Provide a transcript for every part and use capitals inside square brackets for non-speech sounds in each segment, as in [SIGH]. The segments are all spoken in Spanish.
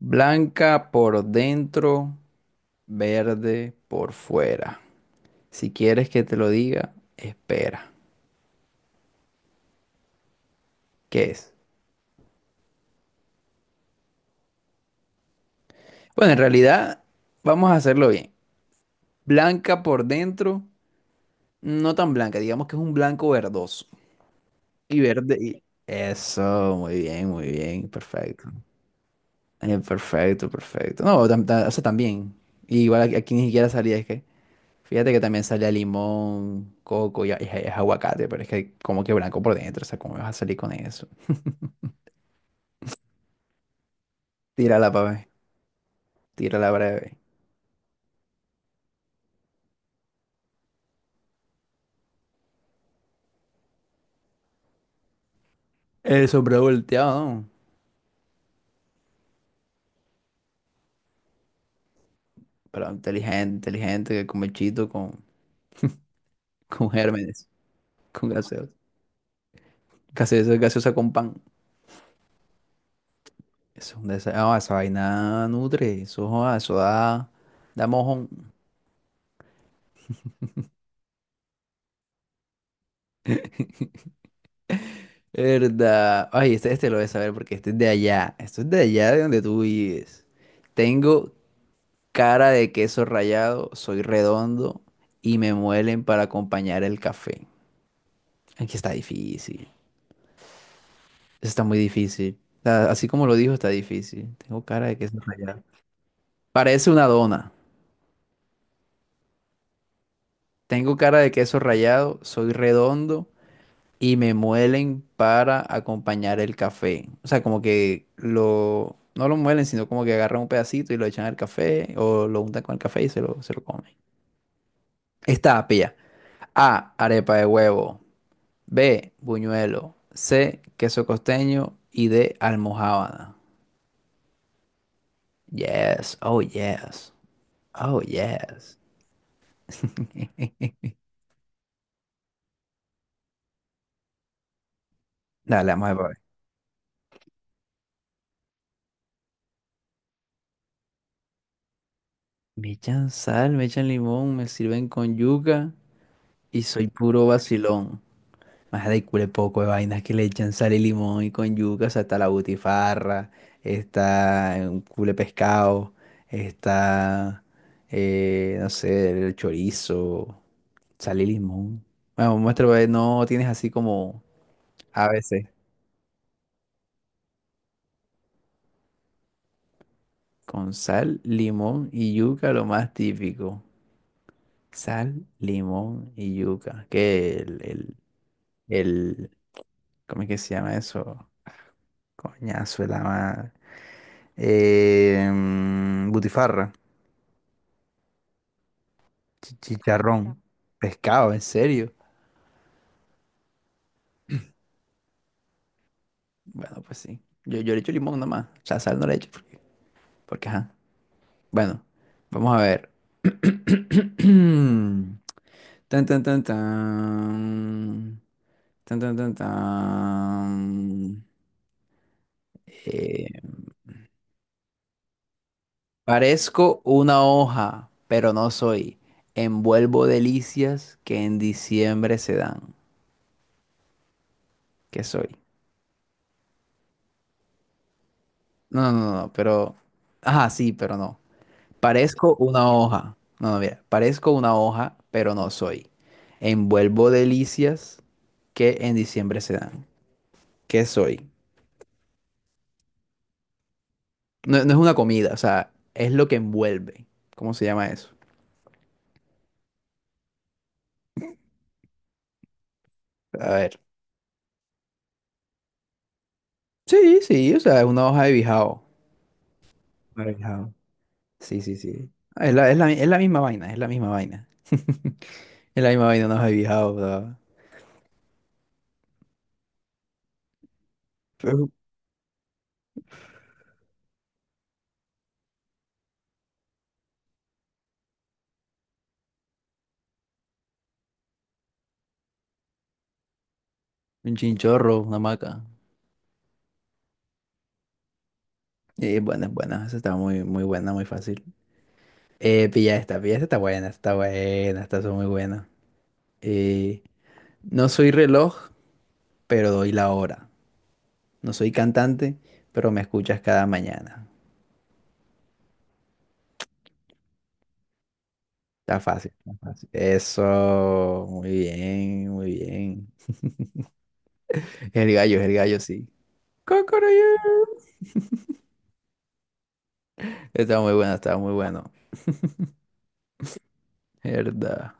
Blanca por dentro, verde por fuera. Si quieres que te lo diga, espera. ¿Qué es? Bueno, en realidad vamos a hacerlo bien. Blanca por dentro, no tan blanca, digamos que es un blanco verdoso. Y verde y... Eso, muy bien, perfecto. Perfecto, perfecto. No, o sea, también. Igual aquí, aquí ni siquiera salía, es que... Fíjate que también sale a limón, coco y, es aguacate, pero es que como que blanco por dentro, o sea, ¿cómo me vas a salir con eso? Tírala, papi, tírala breve. El sombrero volteado, ¿no? Pero inteligente, inteligente, que come chito con, [LAUGHS] con gérmenes, con gaseosa. Gaseosa, gaseosa con pan. Eso es un ah, esa vaina nutre, eso, joda, eso da, da mojón. ¿Verdad? Ay, este lo debes saber porque este es de allá. Esto es de allá de donde tú vives. Tengo cara de queso rallado, soy redondo y me muelen para acompañar el café. Aquí está difícil. Está muy difícil. O sea, así como lo dijo, está difícil. Tengo cara de queso rallado. Parece una dona. Tengo cara de queso rallado, soy redondo y me muelen para acompañar el café. O sea, como que lo... No lo muelen, sino como que agarran un pedacito y lo echan al café o lo untan con el café y se lo comen. Esta, pilla. A, arepa de huevo. B, buñuelo. C, queso costeño. Y D, almojábana. Yes, oh yes, oh yes. [LAUGHS] Dale, vamos a ver. Me echan sal, me echan limón, me sirven con yuca y soy puro vacilón. Más de cule poco de vainas que le echan sal y limón y con yuca, o sea, está la butifarra, está un cule pescado, está, no sé, el chorizo, sal y limón. Bueno, muestra, pues, no tienes así como a veces. Con sal, limón y yuca, lo más típico. Sal, limón y yuca. Que el, ¿cómo es que se llama eso? Coñazo, el ama. Butifarra, chicharrón, pescado, ¿en serio? Bueno, pues sí. Yo le echo limón nomás. O sea, sal no le echo porque, porque ajá. Bueno, vamos a ver. [CLEARS THROAT] Tan, tan, tan, tan. Tan, tan, tan, tan. Eh, parezco una hoja, pero no soy. Envuelvo delicias que en diciembre se dan. ¿Qué soy? No, no, no, no, pero... Ajá, sí, pero no. Parezco una hoja. No, no, mira. Parezco una hoja, pero no soy. Envuelvo delicias que en diciembre se dan. ¿Qué soy? No, no es una comida, o sea, es lo que envuelve. ¿Cómo se llama eso? A ver. Sí, sí, o sea, es una hoja de bijao. Marejao. Sí, sí, sí. Ah, es la misma vaina, es la misma vaina. [LAUGHS] Es la misma vaina, una hoja de bijao, o sea, pero un chinchorro, una maca. Y es buena, es buena. Esa está muy, muy buena, muy fácil. Pilla esta está buena, está buena, está muy buena. Eh, no soy reloj, pero doy la hora. No soy cantante, pero me escuchas cada mañana. Está fácil, está fácil. Eso, muy bien, muy bien. Es el gallo, es el gallo, sí. Cocoroyo. Está muy bueno, está muy bueno. Verdad.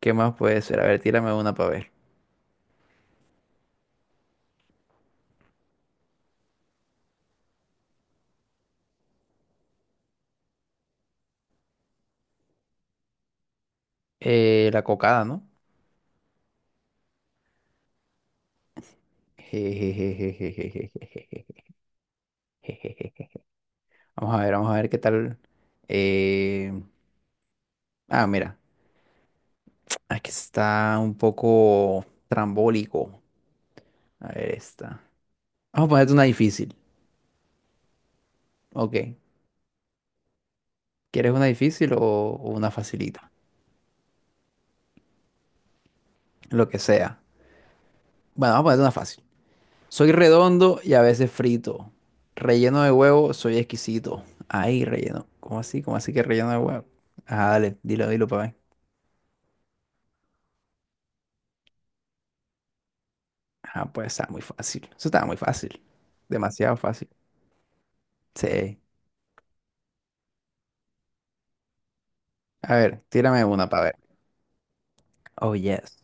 ¿Qué más puede ser? A ver, tírame una para ver. La cocada, ¿no? Jejejejejejejejeje. Vamos a ver qué tal. eh, Ah, mira, aquí está un poco trambólico. A ver, esta. Vamos a ponerte una difícil. Ok. ¿Quieres una difícil o una facilita? Lo que sea. Bueno, vamos a ponerte una fácil. Soy redondo y a veces frito. Relleno de huevo, soy exquisito. Ay, relleno. ¿Cómo así? ¿Cómo así que relleno de huevo? Ah, dale, dilo, dilo para ver. Ah, pues está muy fácil. Eso estaba muy fácil. Demasiado fácil. Sí. A ver, tírame una para ver. Oh, yes.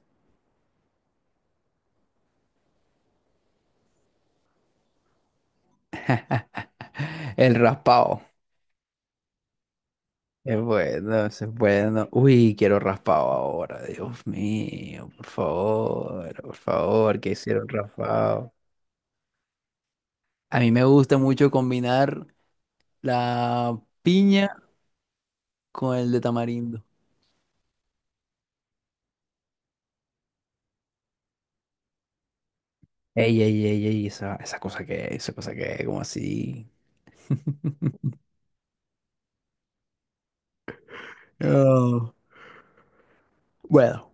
[LAUGHS] El raspado. Es bueno, eso es bueno. Uy, quiero raspado ahora, Dios mío, por favor, que hicieron raspado. A mí me gusta mucho combinar la piña con el de tamarindo. Ey, ey, ey, ey, esa cosa que es, esa cosa que es, como así. No. Bueno,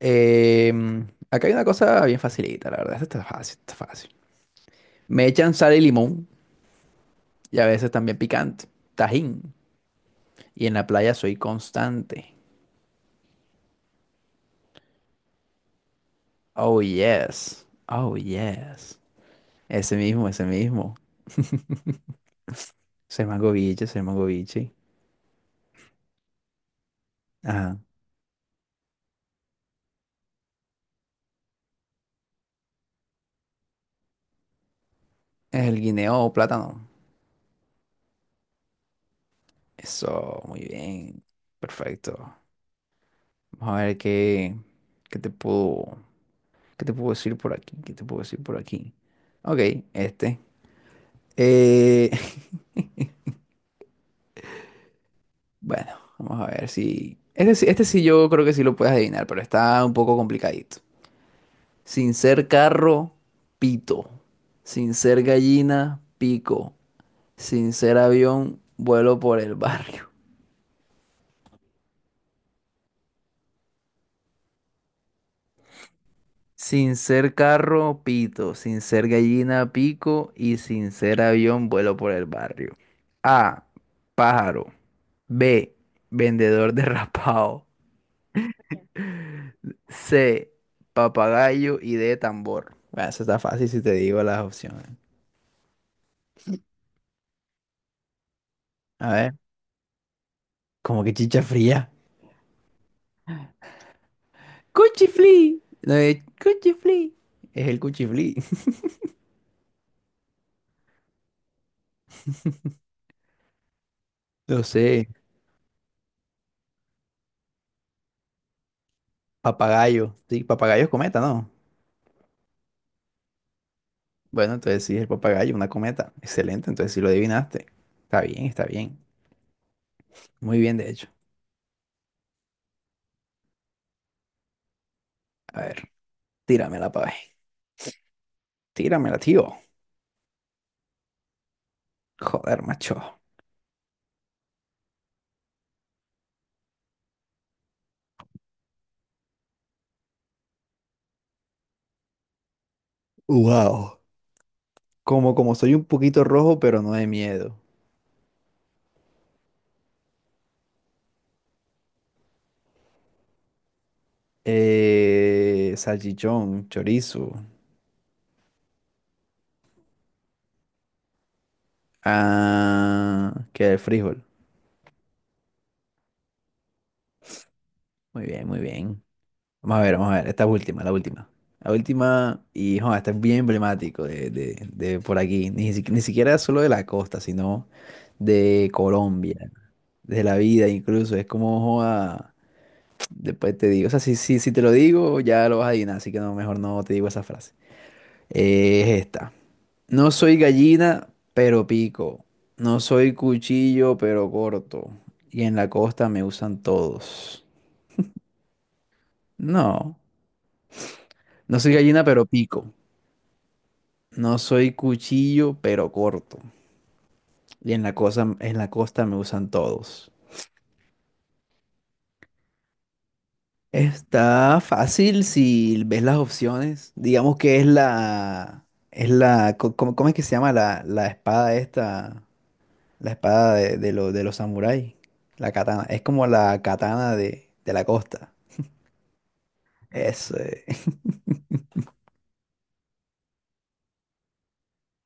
acá hay una cosa bien facilita, la verdad, esta está fácil, está fácil. Me echan sal y limón, y a veces también picante, tajín, y en la playa soy constante. Oh, yes. Oh, yes. Ese mismo, ese mismo. Es el mango biche, es el mango biche. Ajá. Es el guineo o plátano. Eso, muy bien. Perfecto. Vamos a ver qué te qué te puedo decir por aquí, qué te puedo decir por aquí. Ok, este. Eh, [LAUGHS] bueno, vamos a ver si... este sí yo creo que sí lo puedes adivinar, pero está un poco complicadito. Sin ser carro, pito. Sin ser gallina, pico. Sin ser avión, vuelo por el barrio. Sin ser carro, pito. Sin ser gallina, pico. Y sin ser avión, vuelo por el barrio. A. Pájaro. B. Vendedor derrapado. [LAUGHS] C. Papagayo. Y D. Tambor. Bueno, eso está fácil si te digo las opciones. A ver, como que chicha fría. Cuchiflí. No, es cuchiflí. Es el cuchiflí. [LAUGHS] No sé. Papagayo. Sí, papagayo es cometa, ¿no? Bueno, entonces sí, es el papagayo, una cometa. Excelente, entonces sí lo adivinaste. Está bien, está bien. Muy bien, de hecho. A ver, tíramela, pa' ver. Tíramela, tío. Joder, macho. Wow. Como soy un poquito rojo, pero no de miedo. Salchichón, chorizo. Ah, que el frijol. Muy bien, muy bien. Vamos a ver, vamos a ver. Esta es última, la última. La última, y joder, este es bien emblemático de por aquí. Ni siquiera solo de la costa, sino de Colombia, de la vida incluso. Es como, joda, después te digo. O sea, si te lo digo, ya lo vas a adivinar, así que no, mejor no te digo esa frase. Es esta. No soy gallina, pero pico. No soy cuchillo, pero corto. Y en la costa me usan todos. No, no soy gallina, pero pico. No soy cuchillo, pero corto. Y en la cosa, en la costa me usan todos. Está fácil si ves las opciones. Digamos que es ¿cómo, cómo es que se llama la espada esta? La espada de los samuráis. La katana. Es como la katana de la costa. Eso.